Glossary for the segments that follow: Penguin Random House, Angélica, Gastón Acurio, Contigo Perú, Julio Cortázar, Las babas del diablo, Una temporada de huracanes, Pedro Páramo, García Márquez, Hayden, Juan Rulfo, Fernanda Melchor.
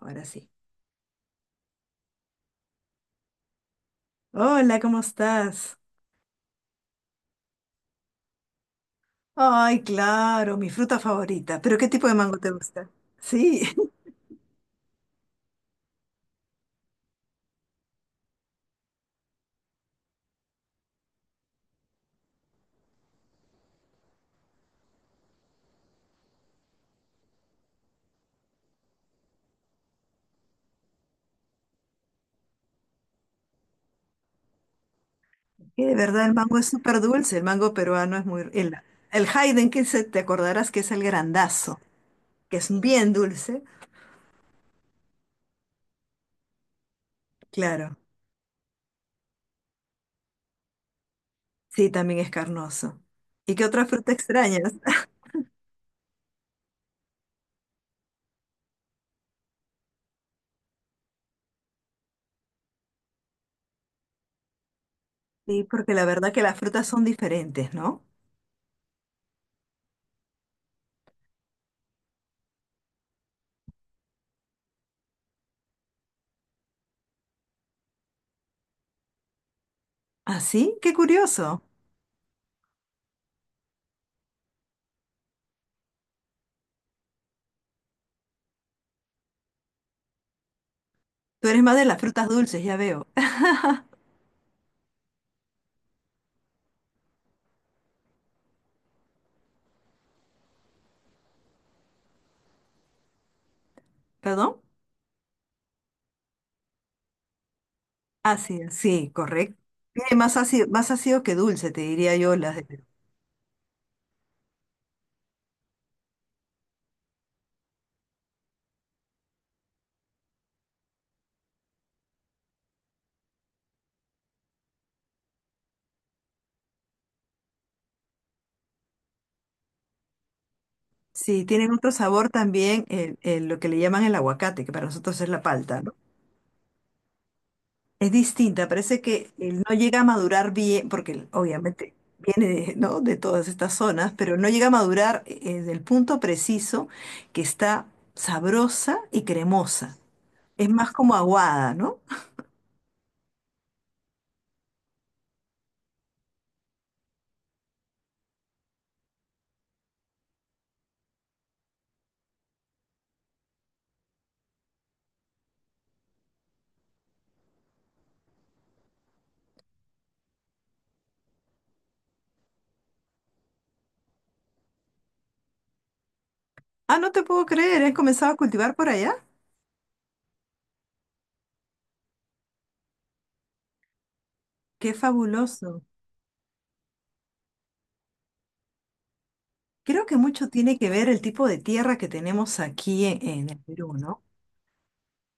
Ahora sí. Hola, ¿cómo estás? Ay, claro, mi fruta favorita. ¿Pero qué tipo de mango te gusta? Sí, que de verdad el mango es súper dulce. El mango peruano es muy... el Hayden, que se, te acordarás que es el grandazo, que es bien dulce. Claro, sí, también es carnoso. ¿Y qué otra fruta extrañas? Sí, porque la verdad que las frutas son diferentes, ¿no? ¿Ah, sí? Qué curioso. Tú eres más de las frutas dulces, ya veo. ¿Perdón? Ácido, sí, correcto. Tiene más ácido que dulce, te diría yo, las de Perú. Sí, tienen otro sabor también, lo que le llaman el aguacate, que para nosotros es la palta, ¿no? Es distinta, parece que no llega a madurar bien, porque obviamente viene de, ¿no?, de todas estas zonas, pero no llega a madurar del punto preciso que está sabrosa y cremosa. Es más como aguada, ¿no? Ah, no te puedo creer, has comenzado a cultivar por allá. Qué fabuloso. Creo que mucho tiene que ver el tipo de tierra que tenemos aquí en el Perú, ¿no?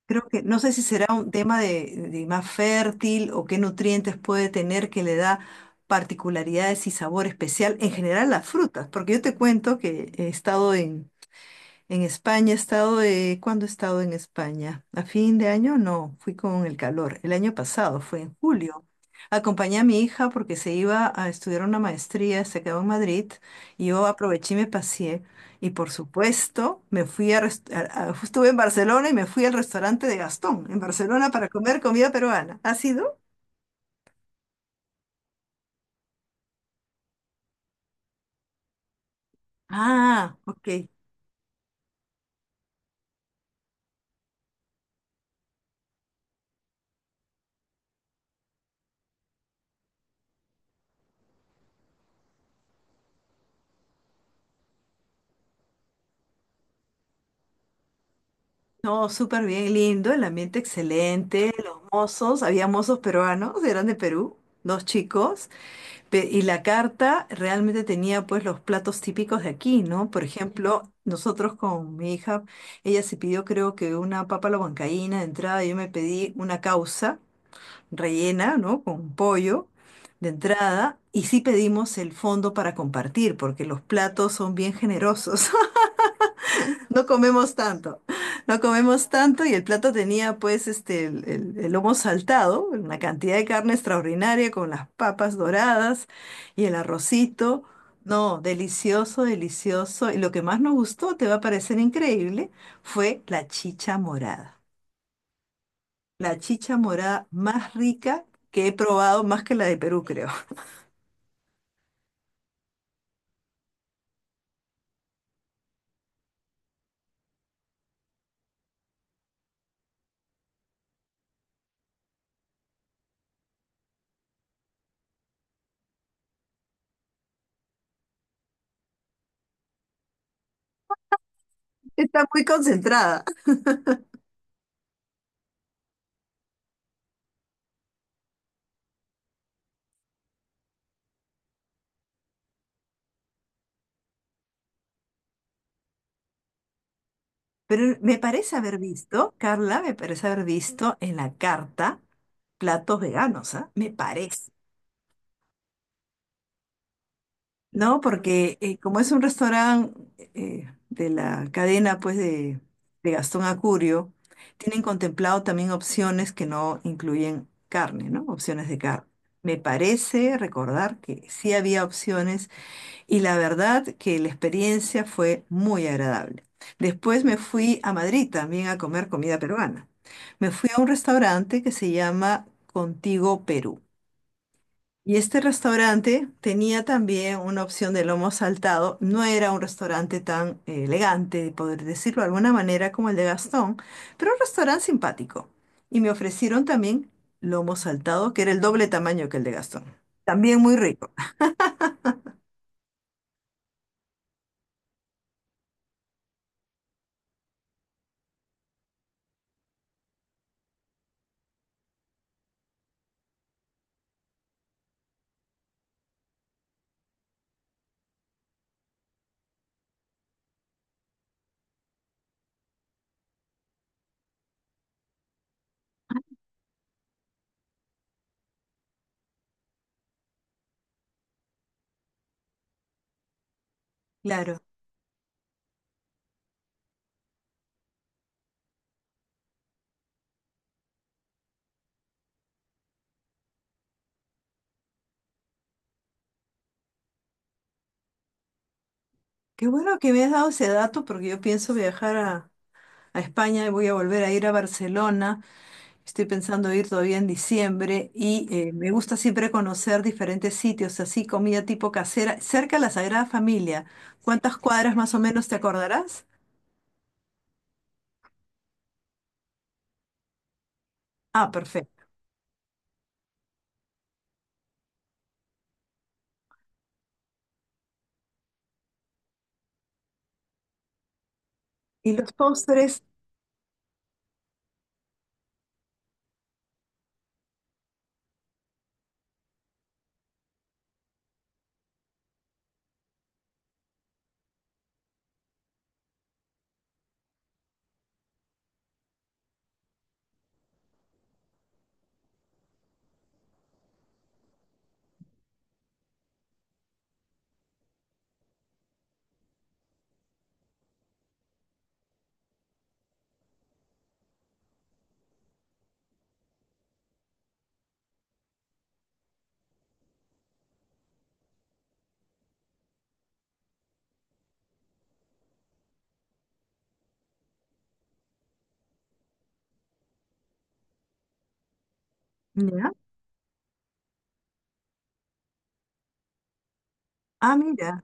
Creo que, no sé si será un tema de más fértil o qué nutrientes puede tener que le da particularidades y sabor especial en general las frutas, porque yo te cuento que he estado en España, he estado de... ¿Cuándo he estado en España? ¿A fin de año? No, fui con el calor. El año pasado, fue en julio. Acompañé a mi hija porque se iba a estudiar una maestría, se quedó en Madrid y yo aproveché y me paseé. Y por supuesto, me fui a, estuve en Barcelona y me fui al restaurante de Gastón en Barcelona para comer comida peruana. ¿Ha sido? Ah, ok. No, súper bien, lindo, el ambiente excelente, los mozos, había mozos peruanos, eran de Perú, dos chicos. Y la carta realmente tenía pues los platos típicos de aquí, ¿no? Por ejemplo, nosotros con mi hija, ella se pidió creo que una papa a la huancaína de entrada, yo me pedí una causa rellena, ¿no?, con pollo de entrada, y sí pedimos el fondo para compartir, porque los platos son bien generosos. No comemos tanto, no comemos tanto y el plato tenía pues el lomo saltado, una cantidad de carne extraordinaria con las papas doradas y el arrocito. No, delicioso, delicioso. Y lo que más nos gustó, te va a parecer increíble, fue la chicha morada. La chicha morada más rica que he probado, más que la de Perú, creo. Está muy concentrada. Pero me parece haber visto, Carla, me parece haber visto en la carta platos veganos, ¿ah? Me parece, ¿no? Porque como es un restaurante de la cadena, pues, de Gastón Acurio, tienen contemplado también opciones que no incluyen carne, ¿no? Opciones de carne. Me parece recordar que sí había opciones y la verdad que la experiencia fue muy agradable. Después me fui a Madrid también a comer comida peruana. Me fui a un restaurante que se llama Contigo Perú. Y este restaurante tenía también una opción de lomo saltado. No era un restaurante tan elegante, poder decirlo de alguna manera, como el de Gastón, pero un restaurante simpático. Y me ofrecieron también lomo saltado, que era el doble tamaño que el de Gastón. También muy rico. Claro. Qué bueno que me has dado ese dato porque yo pienso viajar a España y voy a volver a ir a Barcelona. Estoy pensando ir todavía en diciembre y me gusta siempre conocer diferentes sitios, así comida tipo casera, cerca de la Sagrada Familia. ¿Cuántas cuadras más o menos te acordarás? Ah, perfecto. Y los postres, ¿ya? Ah, mira.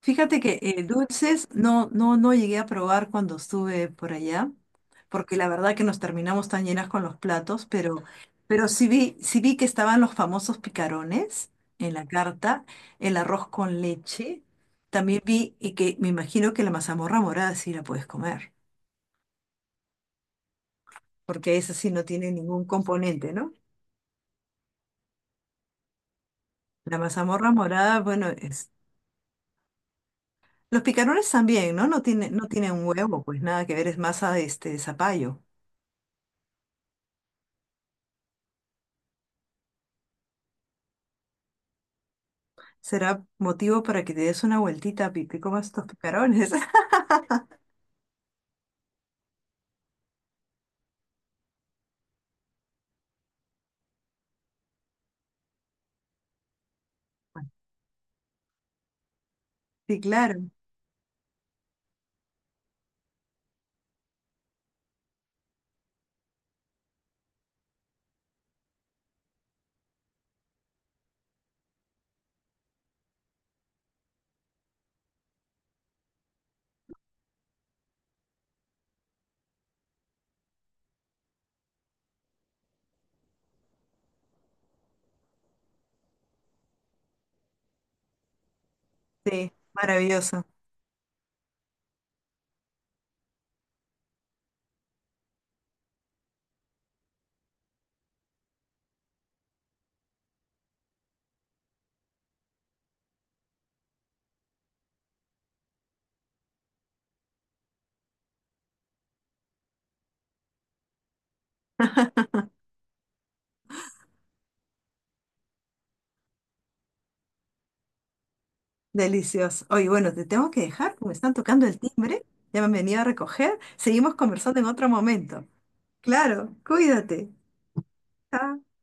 Fíjate que dulces no, no, no llegué a probar cuando estuve por allá, porque la verdad que nos terminamos tan llenas con los platos, pero sí vi que estaban los famosos picarones en la carta, el arroz con leche. También vi y que me imagino que la mazamorra morada sí la puedes comer, porque esa sí no tiene ningún componente, ¿no? La mazamorra morada, bueno, es... Los picarones también, ¿no? No tiene, no tienen un huevo, pues nada que ver, es masa de este de zapallo. Será motivo para que te des una vueltita, Pi, te comas estos picarones. Sí, claro. Sí, maravilloso, delicioso. Oye, bueno, te tengo que dejar porque me están tocando el timbre, ya me han venido a recoger. Seguimos conversando en otro momento. Claro, cuídate. Chao.